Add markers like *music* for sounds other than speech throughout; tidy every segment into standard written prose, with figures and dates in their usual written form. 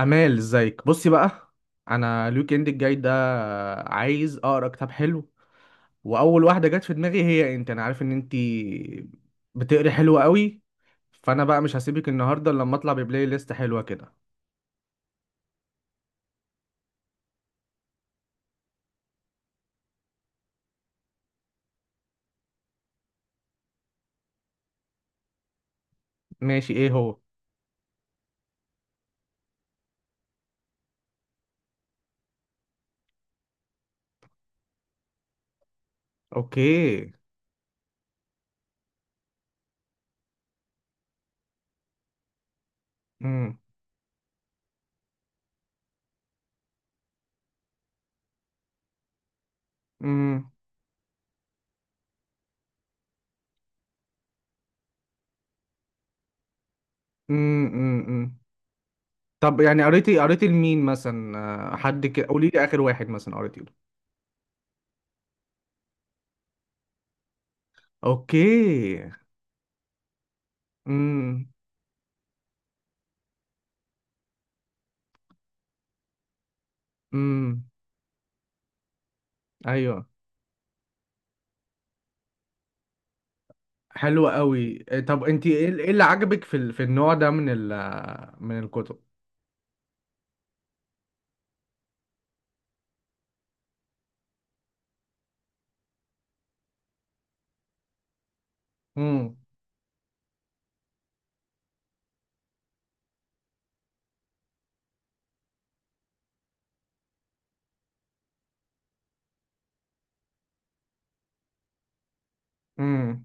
امال، ازيك؟ بصي بقى، انا الويك اند الجاي ده عايز اقرا كتاب حلو، واول واحده جت في دماغي هي انت. انا عارف ان انت بتقري حلو قوي، فانا بقى مش هسيبك النهارده الا لما اطلع ببلاي ليست حلوه كده. ماشي، ايه هو؟ اوكي. امم. امم. امم. امم. طب يعني قريتي لمين مثلا؟ حد كده قولي لي اخر واحد مثلا قريتي له. اوكي. امم. امم. ايوه. حلوة قوي. طب انت ايه اللي عجبك في النوع ده من من الكتب؟ امم. امم.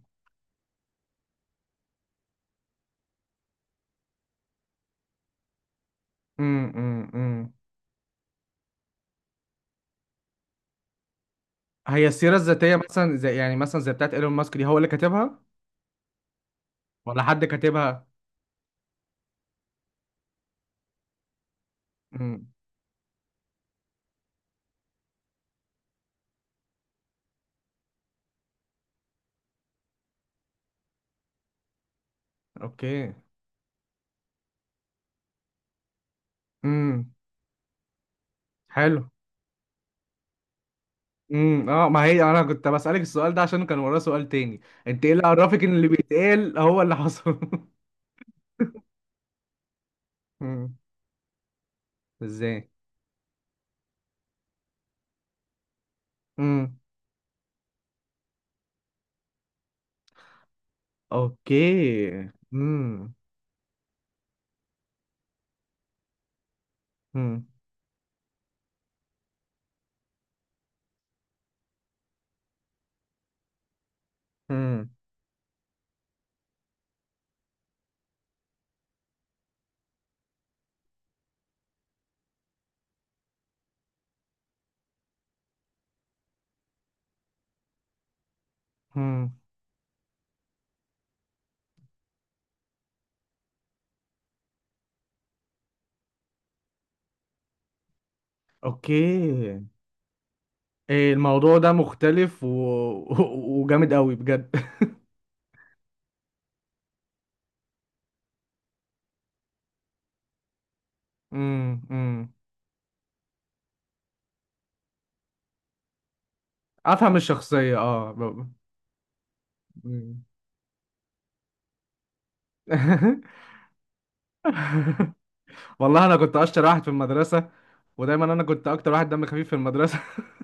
امم. امم. أمم. هي السيرة الذاتية مثلا يعني مثلا زي بتاعت ايلون ماسك دي، هو اللي كاتبها ولا حد كاتبها؟ امم. اوكي. امم. حلو. امم. اه، ما هي انا كنت بسألك السؤال ده عشان كان وراه سؤال تاني. انت ايه اللي عرفك ان اللي بيتقال هو اللي حصل؟ *laughs* امم. ازاي؟ امم. اوكي. امم. امم. امم. امم. اوكي. الموضوع ده مختلف. *laughs* وجامد قوي بجد. امم. امم. افهم الشخصيه، اه. مم. *laughs* والله انا كنت اشطر واحد في المدرسه، ودايما انا كنت اكتر واحد دم خفيف في المدرسه. *laughs*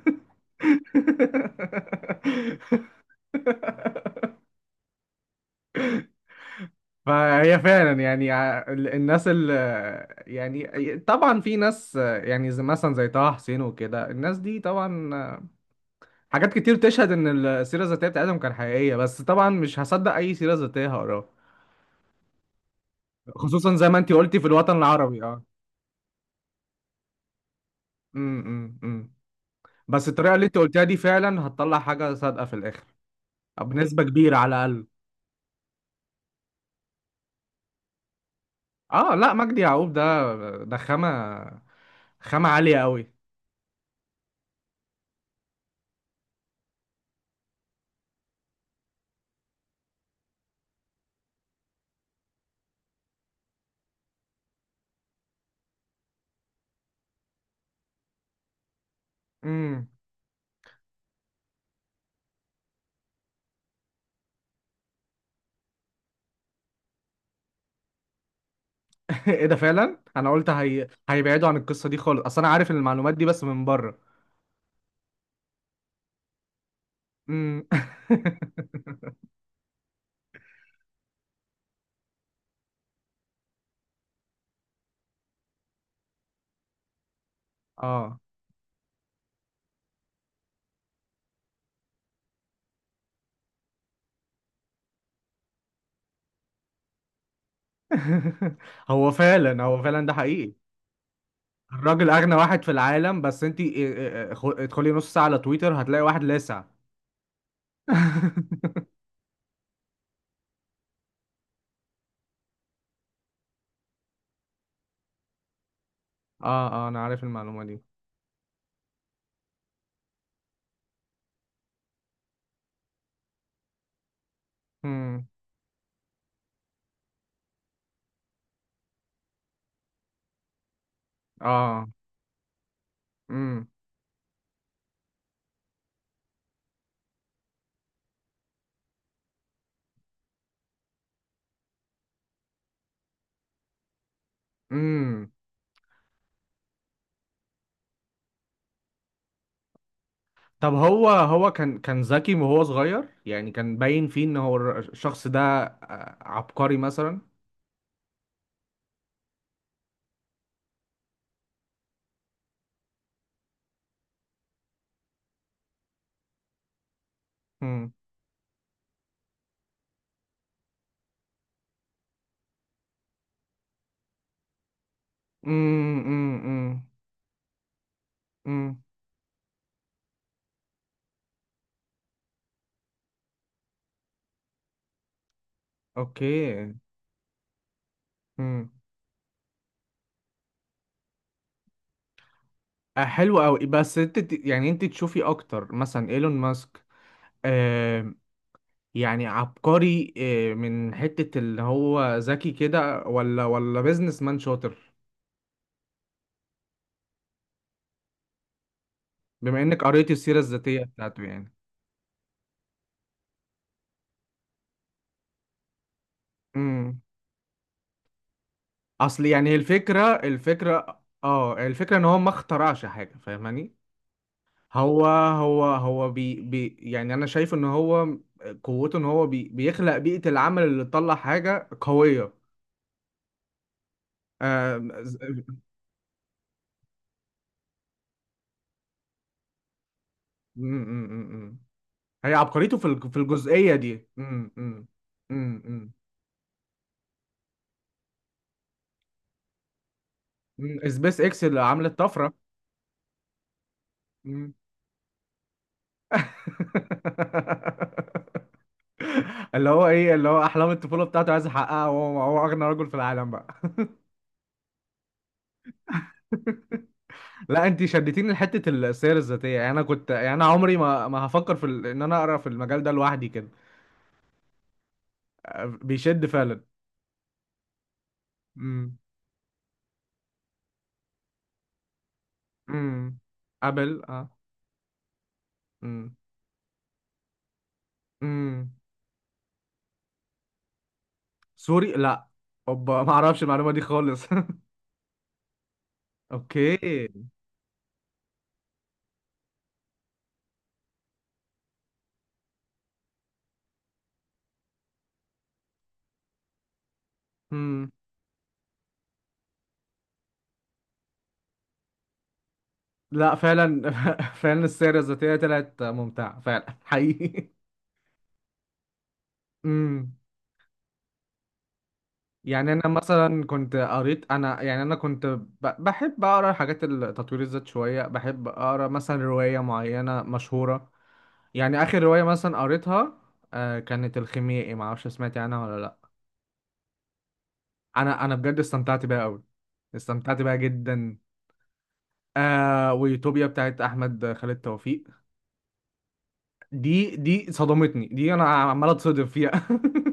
فهي فعلا، يعني، الناس اللي يعني طبعا في ناس، يعني، مثلا زي طه حسين وكده، الناس دي طبعا حاجات كتير تشهد ان السيره الذاتيه بتاعتهم كان حقيقيه، بس طبعا مش هصدق اي سيره ذاتيه هقراها. خصوصا زي ما انت قلتي في الوطن العربي، اه. امم. امم. إمم. بس الطريقه اللي انت قلتها دي فعلا هتطلع حاجه صادقه في الاخر، أو بنسبه كبيره على الاقل. اه، لا، مجدي يعقوب ده خامه. خامه عاليه قوي. امم. *laughs* ايه ده! فعلا انا قلت هيبعدوا عن القصه دي خالص، اصل انا عارف المعلومات دي بس من بره. امم. *laughs* اه. *laughs* هو فعلا ده حقيقي. الراجل اغنى واحد في العالم، بس انت ادخلي نص ساعة على تويتر هتلاقي واحد لاسع. *laughs* اه، اه، انا عارف المعلومة دي. امم. اه. امم. امم. طب، هو هو كان ذكي وهو صغير؟ يعني كان باين فيه ان هو الشخص ده عبقري مثلا؟ امم. امم. امم. امم. اوكي. امم. آه، حلو قوي. بس انت يعني انت تشوفي اكتر مثلا ايلون ماسك يعني عبقري من حتة اللي هو ذكي كده، ولا بيزنس مان شاطر؟ بما انك قريت السيرة الذاتية بتاعته يعني. امم. اصل يعني هي الفكرة ان هو ما اخترعش حاجة، فاهماني؟ هو هو بي بي يعني انا شايف ان هو قوته ان هو بيخلق بيئة العمل اللي تطلع حاجة قوية. آه ز- أمم، أمم. أمم. هي عبقريته في الجزئية دي. امم. امم. أمم. أمم. مم، سبيس اكس اللي عملت طفرة. مم. *laughs* اللي هو احلام الطفولة بتاعته عايز يحققها، وهو هو اغنى رجل في العالم بقى. *laughs* لا، انت شدتيني لحته السير الذاتيه، يعني انا كنت يعني انا عمري ما ما هفكر ان انا اقرا في المجال ده لوحدي كده. بيشد فعلا. امم. امم. ابل، اه. امم. امم. سوري؟ لا. اوبا، ما اعرفش المعلومه دي خالص. *laughs* اوكي. لا فعلا. *laughs* فعلا السيرة الذاتية طلعت ممتعة فعلا حقيقي. امم. يعني انا مثلا كنت قريت، يعني انا كنت بحب اقرا حاجات تطوير الذات شوية، بحب اقرا مثلا رواية معينة مشهورة. يعني اخر رواية مثلا قريتها كانت الخيميائي. ما اعرفش سمعت عنها ولا لا. انا بجد استمتعت بيها قوي. استمتعت بيها جدا. ويوتوبيا بتاعت احمد خالد توفيق. دي صدمتني، دي انا عمال اتصدم فيها. *laughs*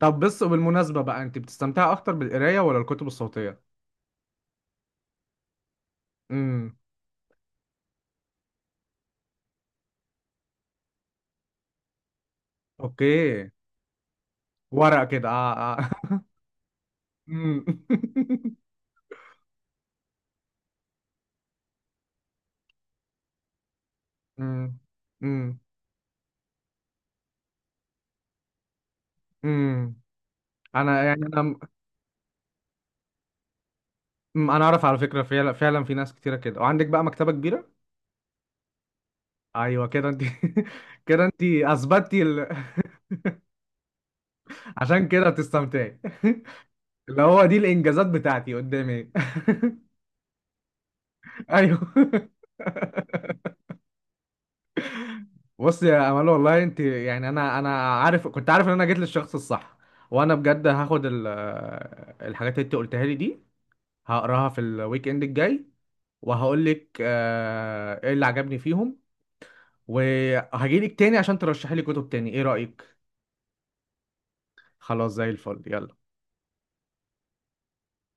طب بس وبالمناسبة بقى، انت بتستمتعي اكتر بالقراية ولا الكتب الصوتية؟ امم. اوكي. ورق كده، اه. اه. *laughs* امم. *laughs* امم. امم. أمم. *laughs* يعني انا. أمم، انا اعرف على فكرة، فعلا فعلا في ناس كتيرة كده، وعندك بقى مكتبة كبيرة. ايوه، كده انت. *laughs* كده انت اثبتي. *laughs* عشان كده بتستمتعي. *laughs* اللي هو دي الانجازات بتاعتي قدامي. *laughs* ايوه. *laughs* بص يا امال، والله انت يعني انا كنت عارف ان انا جيت للشخص الصح، وانا بجد هاخد الحاجات اللي انت قلتها لي دي، هقراها في الويك اند الجاي، وهقول لك ايه اللي عجبني فيهم، وهجيلك تاني عشان ترشحي لي كتب تاني. ايه رأيك؟ خلاص، زي الفل، يلا.